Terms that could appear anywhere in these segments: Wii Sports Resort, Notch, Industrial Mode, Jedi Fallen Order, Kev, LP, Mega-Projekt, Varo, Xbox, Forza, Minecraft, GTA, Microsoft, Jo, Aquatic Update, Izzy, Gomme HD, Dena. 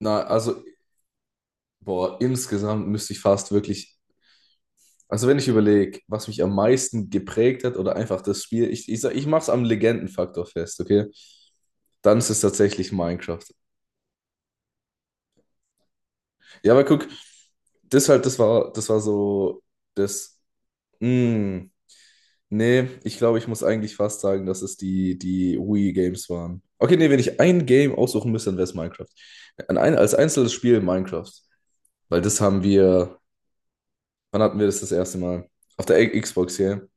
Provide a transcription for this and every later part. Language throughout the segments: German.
Na, also, boah, insgesamt müsste ich fast wirklich, also wenn ich überlege, was mich am meisten geprägt hat oder einfach das Spiel, ich mache es am Legendenfaktor fest, okay? Dann ist es tatsächlich Minecraft. Ja, aber guck, das halt, das war so, das, mm, nee, ich glaube, ich muss eigentlich fast sagen, dass es die Wii-Games waren. Okay, nee, wenn ich ein Game aussuchen müsste, dann wäre es Minecraft. An ein, als einzelnes Spiel Minecraft. Weil das haben wir, wann hatten wir das das erste Mal? Auf der Xbox hier.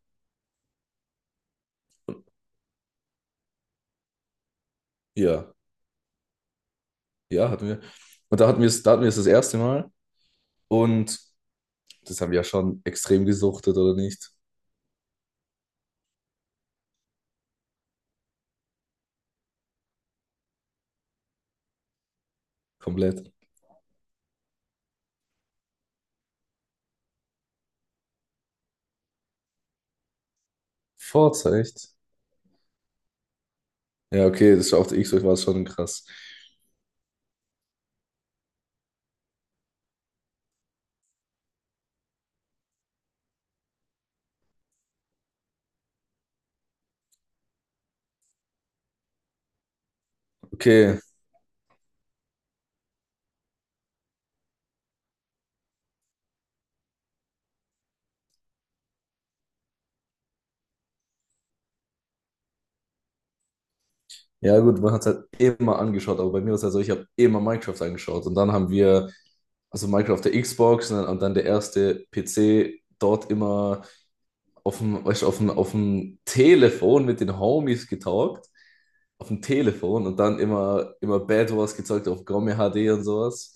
Ja, ja, hatten wir. Und da hatten wir es das erste Mal. Und das haben wir ja schon extrem gesuchtet, oder nicht? Komplett. Forza, echt? Ja, okay, das war, auf der Xbox war es schon krass. Okay, ja gut, man hat es halt immer angeschaut, aber bei mir war es halt so, ich habe immer Minecraft angeschaut. Und dann haben wir, also Minecraft auf der Xbox und dann der erste PC, dort immer auf dem, weißt du, auf dem Telefon mit den Homies getalkt. Auf dem Telefon und dann immer, immer Bad Wars gezeigt auf Gomme HD und sowas.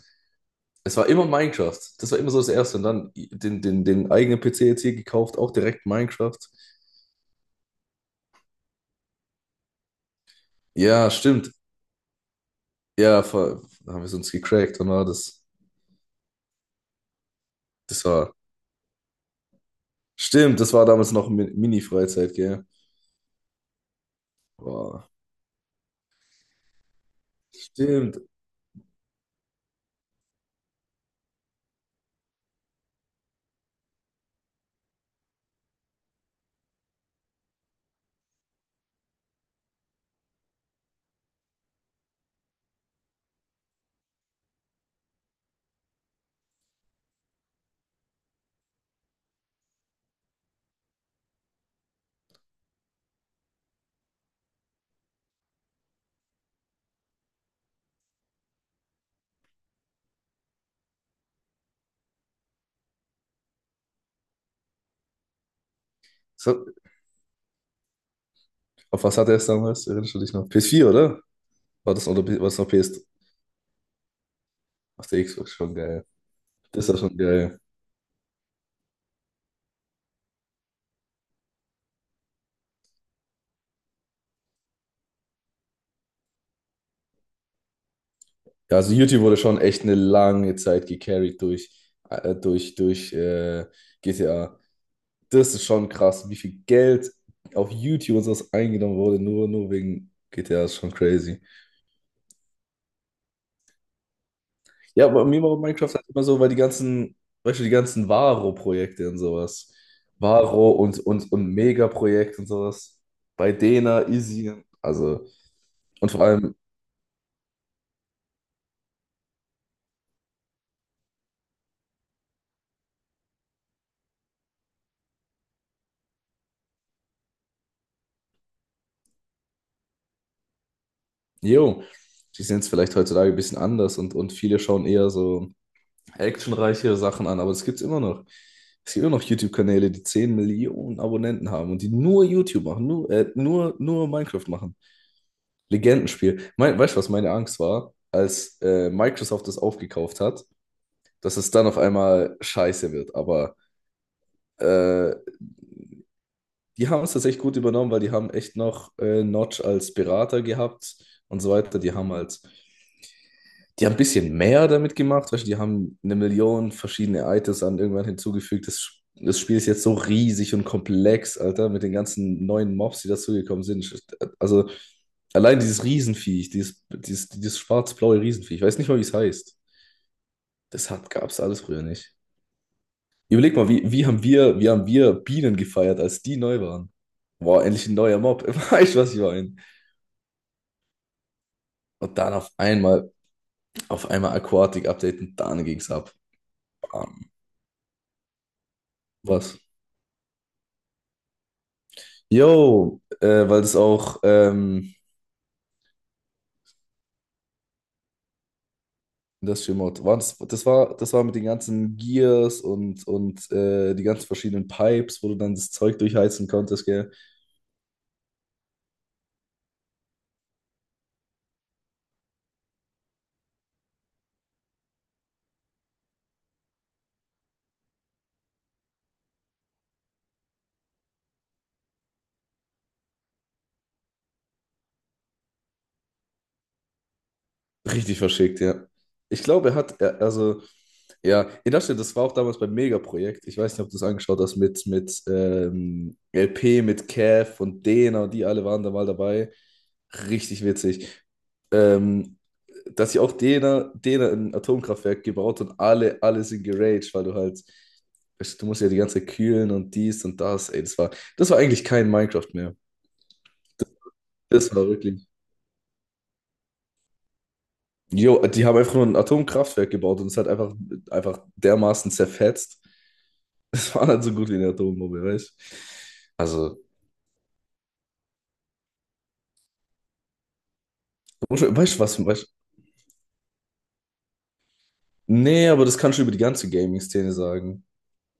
Es war immer Minecraft. Das war immer so das Erste. Und dann den, den, den eigenen PC jetzt hier gekauft, auch direkt Minecraft. Ja, stimmt. Ja, voll. Da haben wir es uns gecrackt. Und war das, das war. Stimmt, das war damals noch Mini-Freizeit, gell? Boah. Stimmt. Das hat, auf was hatte er es damals? Erinnerst du dich noch? PS4 oder? War das, oder war das noch PS? Auf der Xbox schon geil. Das war schon geil. Ja, also YouTube wurde schon echt eine lange Zeit gecarried durch, äh, durch, durch äh, GTA. Das ist schon krass, wie viel Geld auf YouTube und sowas eingenommen wurde, nur wegen GTA, ist schon crazy. Ja, aber mir war Minecraft halt immer so, weil die ganzen, weißt du, die ganzen Varo-Projekte und sowas. Varo und Mega-Projekt und sowas. Bei Dena, Izzy, also. Und vor allem Jo, die sind es vielleicht heutzutage ein bisschen anders und viele schauen eher so actionreichere Sachen an, aber das gibt es immer noch. Es gibt immer noch YouTube-Kanäle, die 10 Millionen Abonnenten haben und die nur YouTube machen, nur Minecraft machen. Legendenspiel. Mein, weißt du, was meine Angst war, als Microsoft das aufgekauft hat, dass es dann auf einmal scheiße wird. Aber äh, die haben es tatsächlich gut übernommen, weil die haben echt noch Notch als Berater gehabt und so weiter. Die haben ein bisschen mehr damit gemacht, weißt du, die haben eine Million verschiedene Items an irgendwann hinzugefügt. Das, das Spiel ist jetzt so riesig und komplex, Alter, mit den ganzen neuen Mobs, die dazugekommen sind. Also allein dieses Riesenviech, dieses schwarz-blaue Riesenviech, ich weiß nicht mal, wie es heißt. Das hat, gab es alles früher nicht. Überleg mal, wie, wie haben wir Bienen gefeiert, als die neu waren? Boah, endlich ein neuer Mob. Weißt du, was ich meine? Und dann auf einmal Aquatic Update und dann ging's ab. Bam. Was? Jo, weil das auch Industrial Mode war. Das war mit den ganzen Gears und die ganzen verschiedenen Pipes, wo du dann das Zeug durchheizen konntest, gell? Richtig verschickt, ja. Ich glaube, er hat, er, also, ja, ja, das stimmt, das war auch damals beim Mega-Projekt. Ich weiß nicht, ob du es angeschaut hast, mit LP, mit Kev und Dena und die alle waren da mal dabei. Richtig witzig. Ähm, dass sie auch Dena ein Atomkraftwerk gebaut und alle sind geraged, weil du halt, du musst ja die ganze Zeit kühlen und dies und das. Ey, das war eigentlich kein Minecraft mehr. Das war wirklich. Jo, die haben einfach nur ein Atomkraftwerk gebaut und es hat einfach dermaßen zerfetzt. Es war nicht so gut wie eine Atombombe, weißt du? Also, weißt du was? Weißt, nee, aber das kannst du über die ganze Gaming-Szene sagen.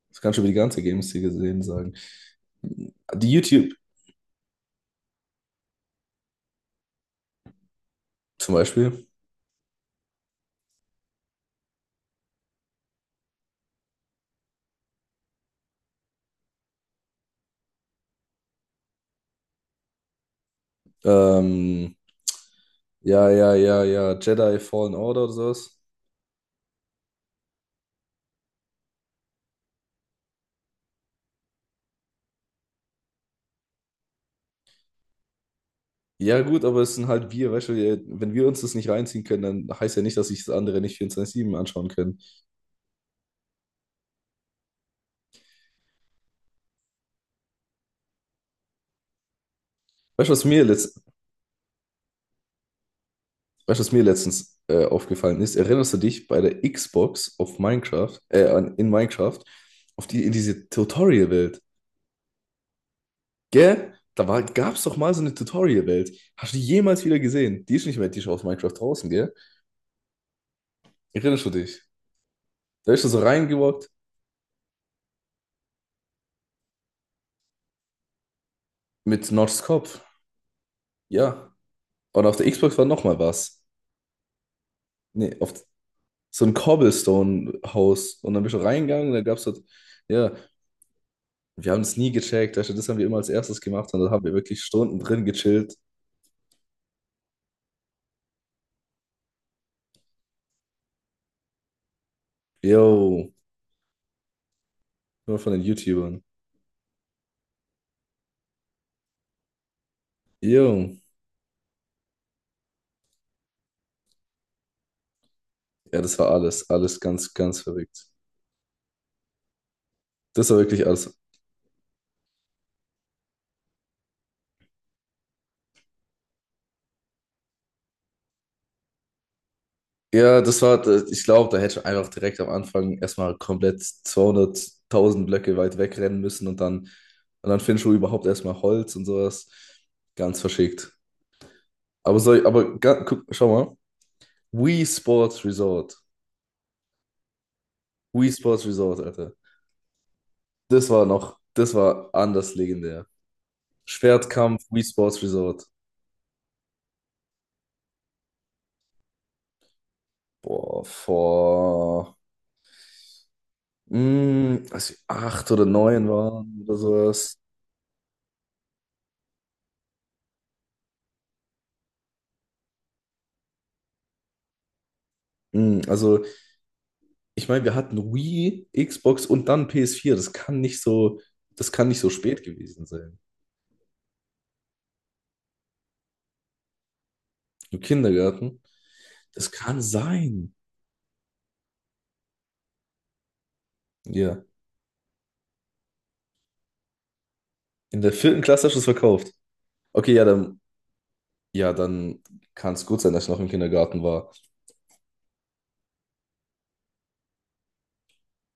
Das kannst du über die ganze Gaming-Szene sagen. Die YouTube zum Beispiel. Ähm, ja, ja, ja, ja, Jedi Fallen Order oder sowas. Ja, gut, aber es sind halt wir, weißt du, wenn wir uns das nicht reinziehen können, dann heißt ja nicht, dass sich das andere nicht 24/7 anschauen können. Weißt du, was mir letzt, Weißt du, was mir letztens aufgefallen ist? Erinnerst du dich bei der Xbox auf Minecraft, in Minecraft, in diese Tutorial-Welt? Gell? Da war, gab's doch mal so eine Tutorial-Welt. Hast du die jemals wieder gesehen? Die ist nicht mehr, die ist aus Minecraft draußen, gell? Erinnerst du dich? Da bist du so reingewalkt mit Notchs Kopf. Ja. Und auf der Xbox war nochmal was. Nee, auf so ein Cobblestone-Haus. Und dann bist du reingegangen und da gab's halt, ja, wir haben es nie gecheckt. Weißt du, das haben wir immer als erstes gemacht und da haben wir wirklich Stunden drin gechillt Yo, nur von den YouTubern. Yo. Ja, das war alles, alles ganz, ganz verrückt. Das war wirklich alles. Ja, das war, ich glaube, da hätte ich einfach direkt am Anfang erstmal komplett 200.000 Blöcke weit wegrennen müssen und dann findest du überhaupt erstmal Holz und sowas. Ganz verschickt. Aber soll ich, aber guck, schau mal. Wii Sports Resort. Wii Sports Resort, Alter. Das war noch, das war anders legendär. Schwertkampf, Wii Sports Resort. Boah, vor, als wir 8 oder 9 waren oder sowas. Also, ich meine, wir hatten Wii, Xbox und dann PS4. Das kann nicht so spät gewesen sein. Im Kindergarten. Das kann sein. Ja. In der vierten Klasse hast du es verkauft. Okay, ja, dann kann es gut sein, dass ich noch im Kindergarten war.